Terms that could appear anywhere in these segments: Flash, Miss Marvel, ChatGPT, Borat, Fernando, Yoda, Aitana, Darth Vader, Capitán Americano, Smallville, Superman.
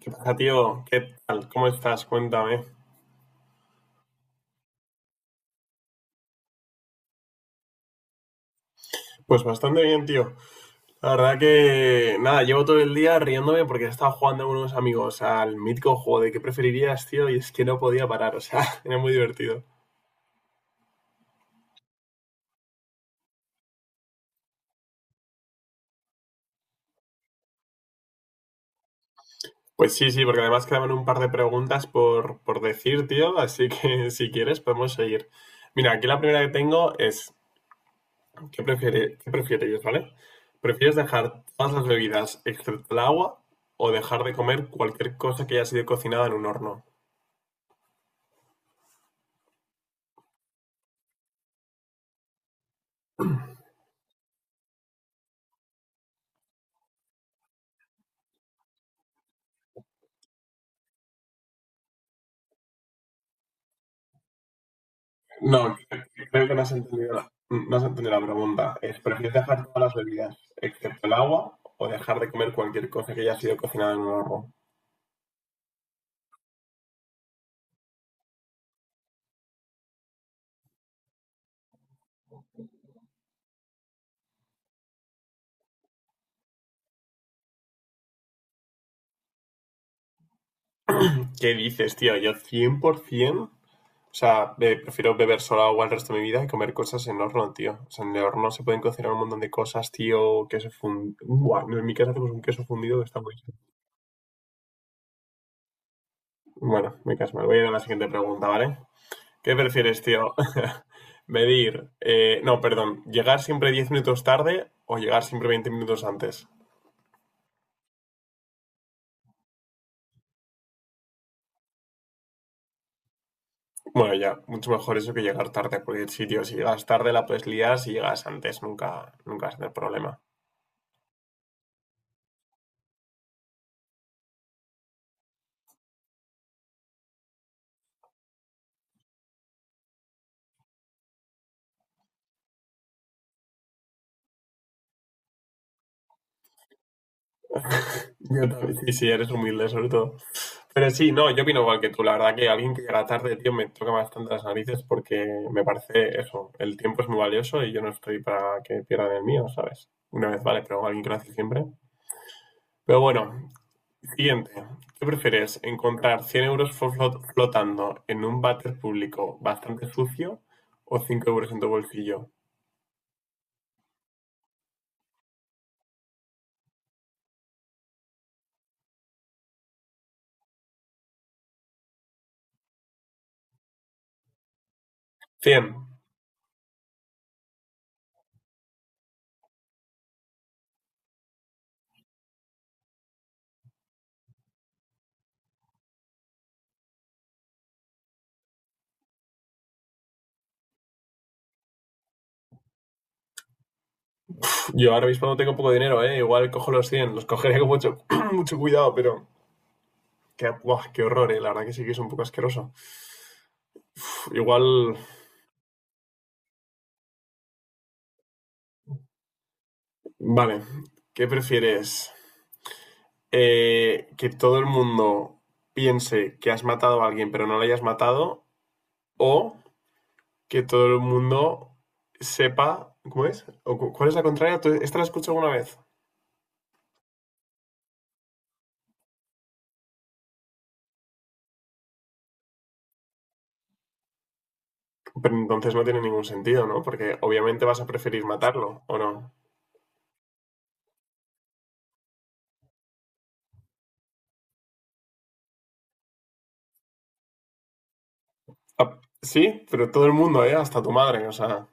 ¿Qué pasa, tío? ¿Qué tal? ¿Cómo estás? Cuéntame. Pues bastante bien, tío. La verdad que, nada, llevo todo el día riéndome porque he estado jugando con unos amigos al mítico juego de qué preferirías, tío, y es que no podía parar, o sea, era muy divertido. Pues sí, sí, porque además quedaban un par de preguntas por decir, tío, así que si quieres podemos seguir. Mira, aquí la primera que tengo es, ¿qué prefieres, ¿vale? ¿Prefieres dejar todas las bebidas excepto el agua o dejar de comer cualquier cosa que haya sido cocinada en un horno? No, creo que no has entendido la pregunta. Es, ¿prefieres dejar todas las bebidas, excepto el agua, o dejar de comer cualquier cosa que haya sido cocinada en un horno? ¿Qué dices, tío? Yo 100%, o sea, prefiero beber solo agua el resto de mi vida y comer cosas en horno, tío. O sea, en el horno se pueden cocinar un montón de cosas, tío, queso fundido. En mi casa hacemos un queso fundido que está muy... Bueno, me caso, me voy a ir a la siguiente pregunta, ¿vale? ¿Qué prefieres, tío? Medir, no, perdón, llegar siempre 10 minutos tarde o llegar siempre 20 minutos antes. Bueno, ya, mucho mejor eso que llegar tarde, porque sí, tío, si llegas tarde la puedes liar, si llegas antes nunca, nunca vas a tener problema. Yo también. Y si eres humilde, sobre todo. Pero sí, no, yo opino igual que tú. La verdad que alguien que llega tarde, tío, me toca bastante las narices porque me parece eso. El tiempo es muy valioso y yo no estoy para que pierdan el mío, ¿sabes? Una vez vale, pero alguien que lo hace siempre. Pero bueno, siguiente. ¿Qué prefieres? ¿Encontrar 100 euros flotando en un váter público bastante sucio o 5 euros en tu bolsillo? Cien. Pf, yo ahora mismo no tengo poco dinero, ¿eh? Igual cojo los cien. Los cogería con mucho, mucho cuidado, pero... Qué, buah, qué horror, ¿eh? La verdad que sí que es un poco asqueroso. Pf, igual... Vale. ¿Qué prefieres? ¿Que todo el mundo piense que has matado a alguien pero no lo hayas matado? ¿O que todo el mundo sepa, ¿cómo es? ¿Cuál es la contraria? ¿Esta la escucho alguna vez? Pero entonces no tiene ningún sentido, ¿no? Porque obviamente vas a preferir matarlo, ¿o no? Ah, sí, pero todo el mundo, ¿eh? Hasta tu madre, o sea.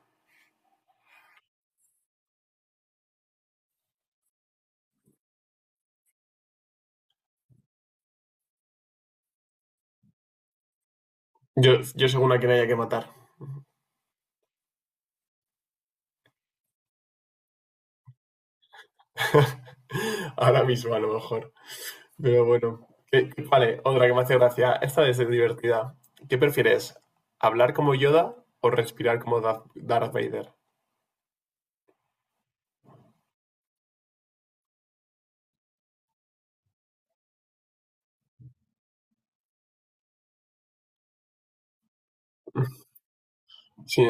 Yo según a quien haya que matar. Ahora mismo, a lo mejor. Pero bueno. Vale, otra que me hace gracia. Esta es de divertida. ¿Qué prefieres? ¿Hablar como Yoda o respirar como Darth Vader? Sí,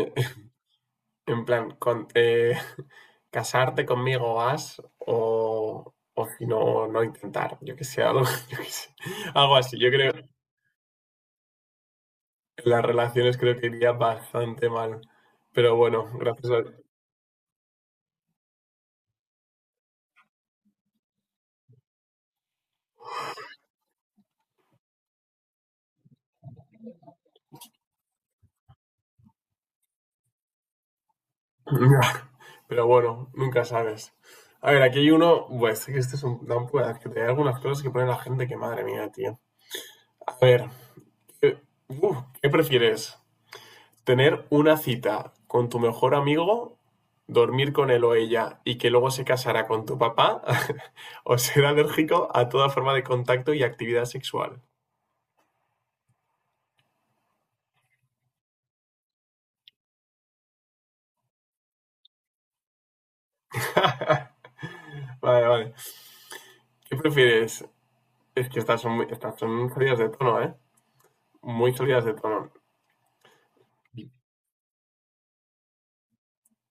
en plan, con, casarte conmigo vas o si no, no intentar, yo que sé, algo, yo que sé, algo así. Yo creo que las relaciones creo que iría bastante mal. Pero bueno, gracias a... Pero bueno, nunca sabes. A ver, aquí hay uno, pues que este es un da un pueda- que te hay algunas cosas que pone la gente que madre mía, tío. A ver, eh, uf, ¿qué prefieres? Tener una cita con tu mejor amigo, dormir con él o ella y que luego se casará con tu papá o ser alérgico a toda forma de contacto y actividad sexual. Vale, vale. ¿Qué prefieres? Es que estas son, muy, estas son salidas de tono, ¿eh? Muy salidas de tono.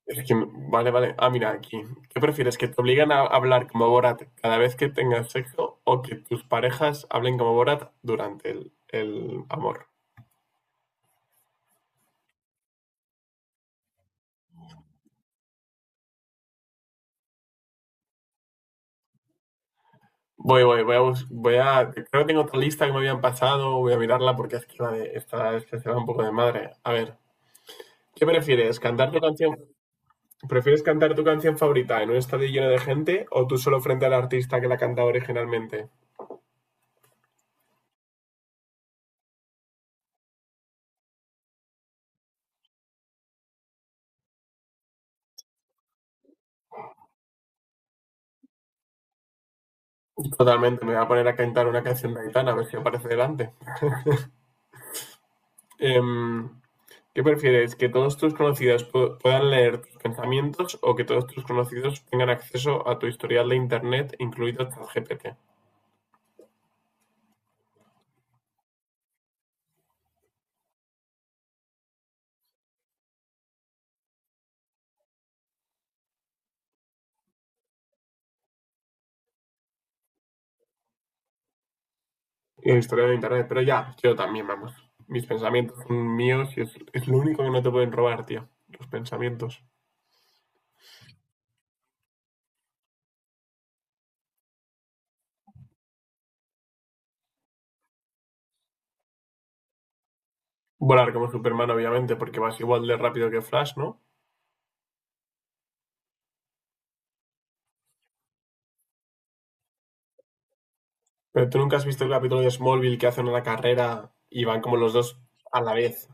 Es que, vale, vale. Ah, mira, aquí. ¿Qué prefieres? ¿Que te obligan a hablar como Borat cada vez que tengas sexo o que tus parejas hablen como Borat durante el amor? Voy a. Creo que tengo otra lista que me habían pasado. Voy a mirarla porque es que la de esta, esta se va un poco de madre. A ver, ¿qué prefieres? ¿Cantar tu canción? ¿Prefieres cantar tu canción favorita en un estadio lleno de gente o tú solo frente al artista que la cantaba originalmente? Totalmente, me voy a poner a cantar una canción de Aitana a ver si aparece delante. Em, ¿Qué prefieres? ¿Que todos tus conocidos puedan leer tus pensamientos o que todos tus conocidos tengan acceso a tu historial de internet, incluido ChatGPT? Historiador de internet, pero ya, yo también, vamos. Mis pensamientos son míos y es lo único que no te pueden robar, tío. Los pensamientos. Volar como Superman, obviamente, porque vas igual de rápido que Flash, ¿no? Pero tú nunca has visto el capítulo de Smallville que hacen una carrera y van como los dos a la vez.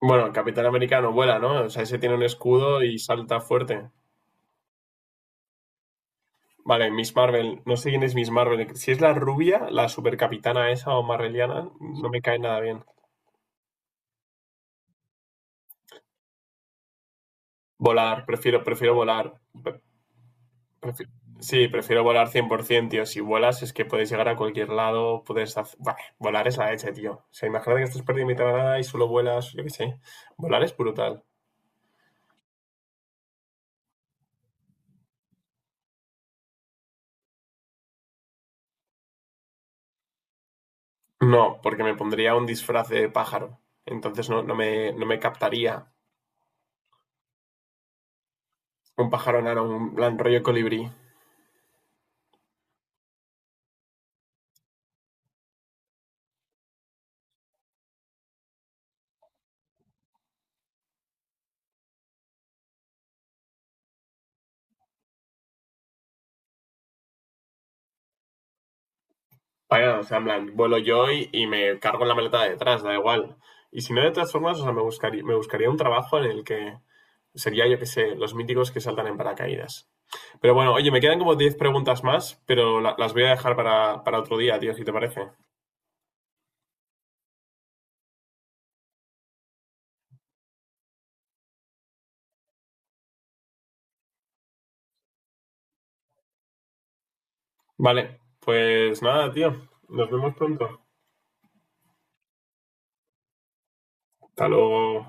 Bueno, el Capitán Americano vuela, ¿no? O sea, ese tiene un escudo y salta fuerte. Vale, Miss Marvel. No sé quién es Miss Marvel. Si es la rubia, la supercapitana esa o marveliana, no me cae nada bien. Volar, prefiero volar. Prefi- Sí, prefiero volar 100%, tío. Si vuelas es que puedes llegar a cualquier lado, puedes hacer... Bah, volar es la leche, tío. O sea, imagínate que estás perdido en mitad de la nada y solo vuelas, yo qué sé. Volar es brutal. No, porque me pondría un disfraz de pájaro. Entonces no me captaría un pájaro enano, un plan rollo colibrí. Vaya, o sea, en plan, vuelo yo y me cargo en la maleta de detrás, da igual. Y si no, de todas formas, o sea, me buscaría un trabajo en el que sería, yo qué sé, los míticos que saltan en paracaídas. Pero bueno, oye, me quedan como 10 preguntas más, pero las voy a dejar para otro día, tío, si te parece. Vale, pues nada, tío. Nos vemos pronto. Hasta luego.